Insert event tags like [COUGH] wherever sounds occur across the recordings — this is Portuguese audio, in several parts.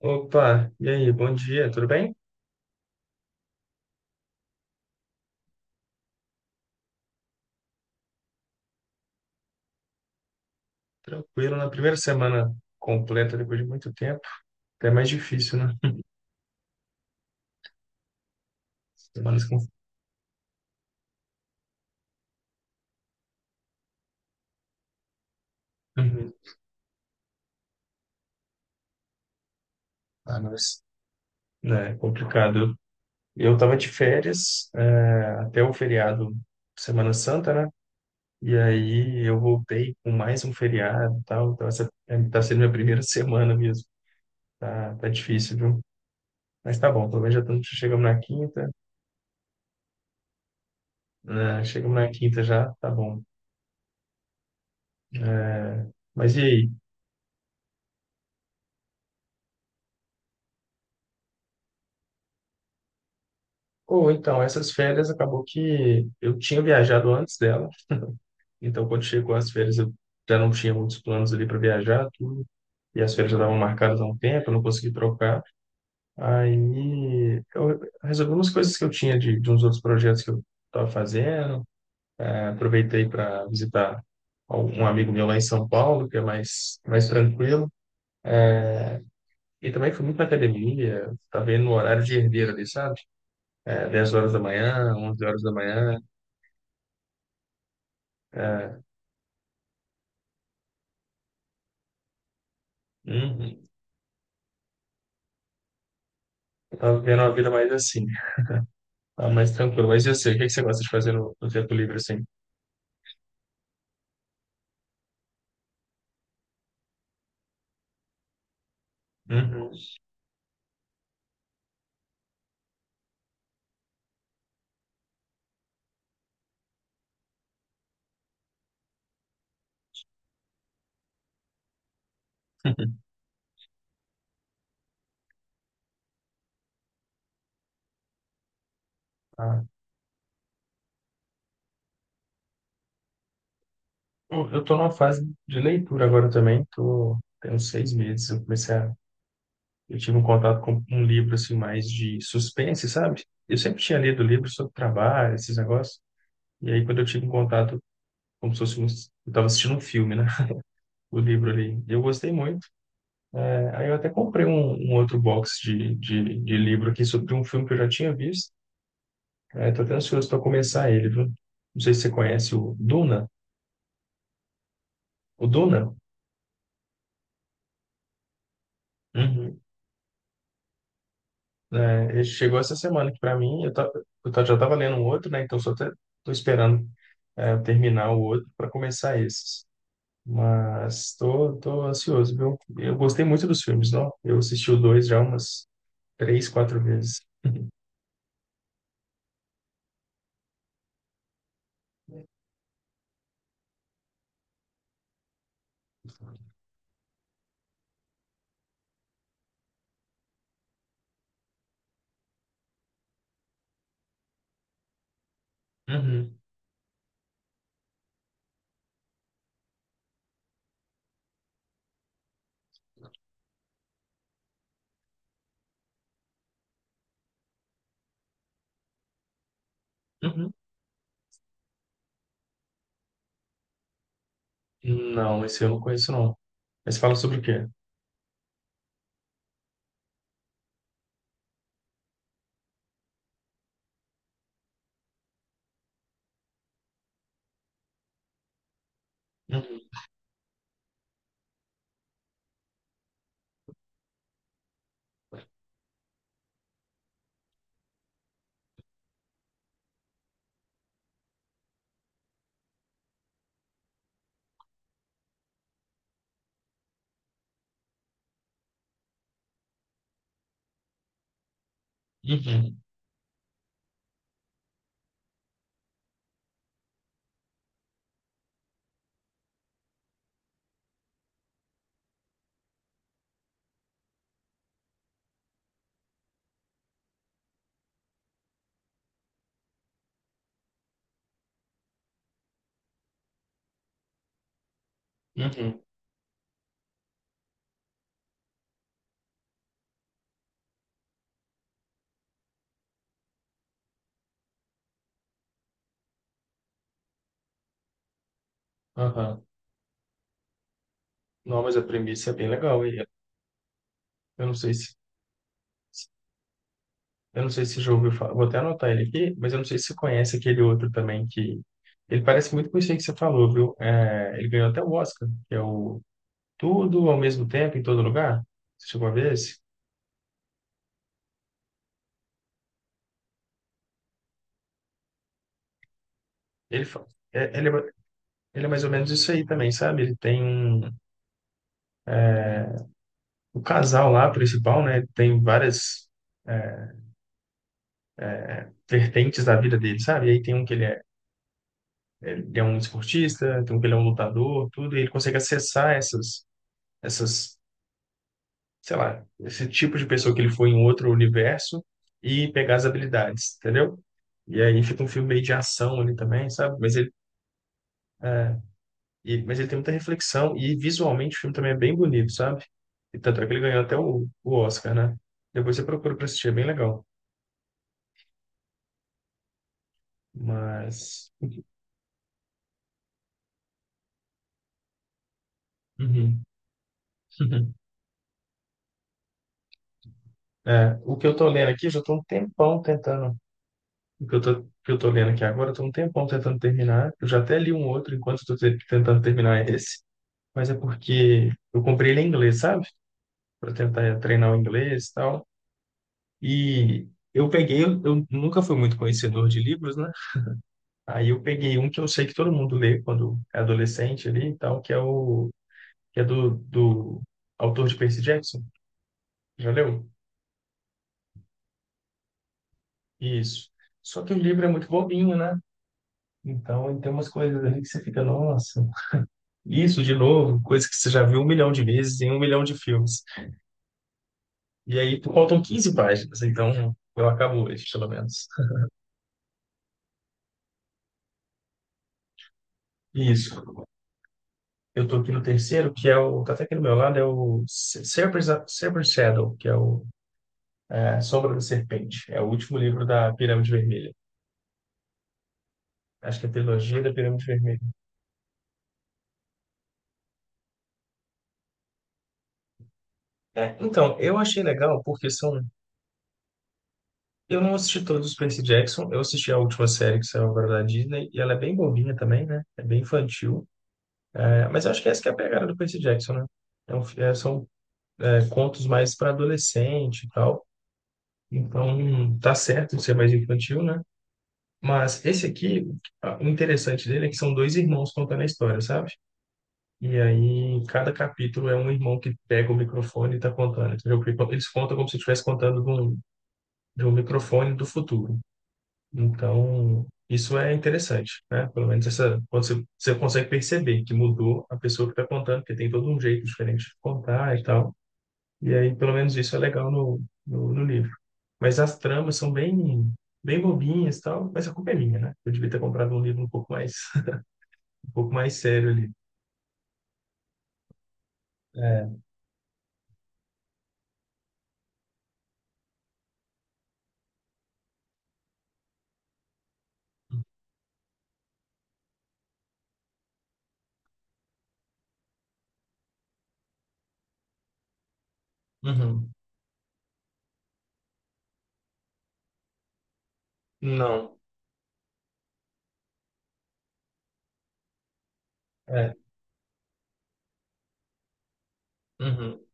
Opa, e aí, bom dia, tudo bem? Tranquilo, na primeira semana completa, depois de muito tempo, até mais difícil, né? Semanas com... Uhum. Ah, mas, né, é complicado. Eu tava de férias, até o feriado Semana Santa, né? E aí eu voltei com mais um feriado e tal, então tá sendo minha primeira [LAUGHS] semana mesmo, tá difícil, viu? Mas tá bom, pelo menos já estamos, chegamos na quinta, né? Chegamos na quinta já, tá bom. É, mas e aí? Ou então, essas férias acabou que eu tinha viajado antes dela, então quando chegou as férias eu já não tinha muitos planos ali para viajar, tudo, e as férias já estavam marcadas há um tempo, eu não consegui trocar. Aí eu resolvi umas coisas que eu tinha de uns outros projetos que eu estava fazendo, aproveitei para visitar um amigo meu lá em São Paulo, que é mais tranquilo. E também fui muito na academia, tá vendo no horário de herdeiro ali, sabe? É, 10 horas da manhã, 11 horas da manhã. Uhum. Tava vivendo uma vida mais assim, tá mais tranquilo. Mas eu sei, o que é que você gosta de fazer no tempo livre, assim? Uhum. [LAUGHS] Ah, eu tô numa fase de leitura agora também, tô, tem uns 6 meses, eu tive um contato com um livro, assim, mais de suspense, sabe? Eu sempre tinha lido livros sobre trabalho, esses negócios, e aí quando eu tive um contato, como se fosse um, eu tava assistindo um filme, né? O livro ali, eu gostei muito. É, aí eu até comprei um outro box de livro aqui sobre um filme que eu já tinha visto. É, tô até ansioso para começar ele, viu? Não sei se você conhece o Duna. O Duna? Uhum. É, ele chegou essa semana aqui para mim. Já estava lendo um outro, né? Então só até tô esperando eu terminar o outro para começar esses. Mas tô ansioso, viu? Eu gostei muito dos filmes, não? Eu assisti o dois já umas três, quatro vezes. [LAUGHS] Uhum. Uhum. Não, esse eu não conheço, não. Mas fala sobre o quê? Uhum. Uhum. Uhum. Aham. Não, mas a premissa é bem legal. Eu não sei se, eu não sei se já ouviu falar. Vou até anotar ele aqui, mas eu não sei se você conhece aquele outro também que ele parece muito com isso aí que você falou, viu? É, ele ganhou até o Oscar, que é o Tudo ao Mesmo Tempo em Todo Lugar. Você chegou a ver esse? Ele, fa- é, ele, é, ma- ele é mais ou menos isso aí também, sabe? Ele tem um, o casal lá principal, né? Tem várias é, vertentes da vida dele, sabe? E aí tem um que ele é um esportista, tem um que ele é um lutador, tudo, e ele consegue acessar essas sei lá, esse tipo de pessoa que ele foi em outro universo e pegar as habilidades, entendeu? E aí fica um filme meio de ação ali também, sabe? É, mas ele tem muita reflexão e visualmente o filme também é bem bonito, sabe? E tanto é que ele ganhou até o Oscar, né? Depois você procura pra assistir, é bem legal. Mas. Uhum. [LAUGHS] É, o que eu tô lendo aqui, eu já tô um tempão tentando. O que eu tô lendo aqui agora, eu tô um tempão tentando terminar. Eu já até li um outro enquanto eu tô tentando terminar esse. Mas é porque eu comprei ele em inglês, sabe? Para tentar treinar o inglês e tal. E eu peguei, eu nunca fui muito conhecedor de livros, né? Aí eu peguei um que eu sei que todo mundo lê quando é adolescente ali e tal, que é o que é do autor de Percy Jackson. Já leu? Isso. Só que o livro é muito bobinho, né? Então, ele tem umas coisas ali que você fica, nossa, isso de novo, coisa que você já viu um milhão de vezes em um milhão de filmes. E aí, faltam 15 páginas, então eu acabo hoje, pelo menos. Isso. Eu tô aqui no terceiro, que é o. Tá até aqui do meu lado, é o Serpent's Shadow, que é o a Sombra da Serpente. É o último livro da Pirâmide Vermelha. Acho que é a trilogia da Pirâmide Vermelha. É, então, eu achei legal porque são. Eu não assisti todos os Percy Jackson, eu assisti a última série que saiu agora da Disney, e ela é bem bobinha também, né? É bem infantil. É, mas eu acho que essa que é a pegada do Percy Jackson, né? Então, são contos mais para adolescente e tal. Então, tá certo de ser mais infantil, né? Mas esse aqui, o interessante dele é que são dois irmãos contando a história, sabe? E aí, cada capítulo é um irmão que pega o microfone e está contando, entendeu? Porque eles contam como se estivesse contando de um microfone do futuro. Então, isso é interessante, né? Pelo menos essa, quando você consegue perceber que mudou a pessoa que está contando, porque tem todo um jeito diferente de contar e tal. E aí, pelo menos isso é legal no livro. Mas as tramas são bem bobinhas e tal, mas a culpa é minha, né? Eu devia ter comprado um livro um pouco mais, [LAUGHS] um pouco mais sério ali. É. Uhum. Não. É. Uhum.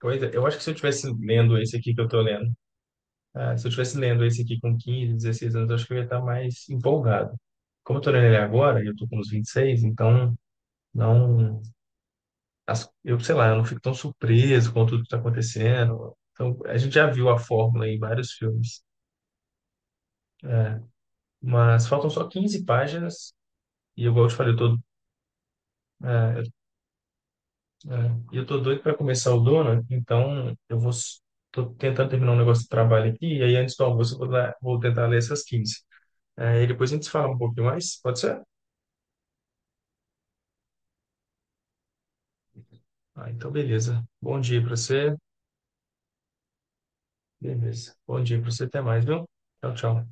Pois é, eu acho que se eu tivesse lendo esse aqui que eu tô lendo, ah, se eu tivesse lendo esse aqui com 15, 16 anos, eu acho que eu ia estar mais empolgado. Como eu tô lendo ele agora, e eu tô com uns 26 então não, eu sei lá, eu não fico tão surpreso com tudo que tá acontecendo. Então, a gente já viu a fórmula em vários filmes. É, mas faltam só 15 páginas e igual eu te falei, eu tô, é, é, e eu tô doido para começar o Dona, então eu vou tô tentando terminar um negócio de trabalho aqui e aí antes do almoço eu vou, vou tentar ler essas quinze. É, e depois a gente se fala um pouquinho mais, pode ser? Ah, então beleza. Bom dia para você. Beleza. Bom dia para você, até mais, viu? Tchau, tchau.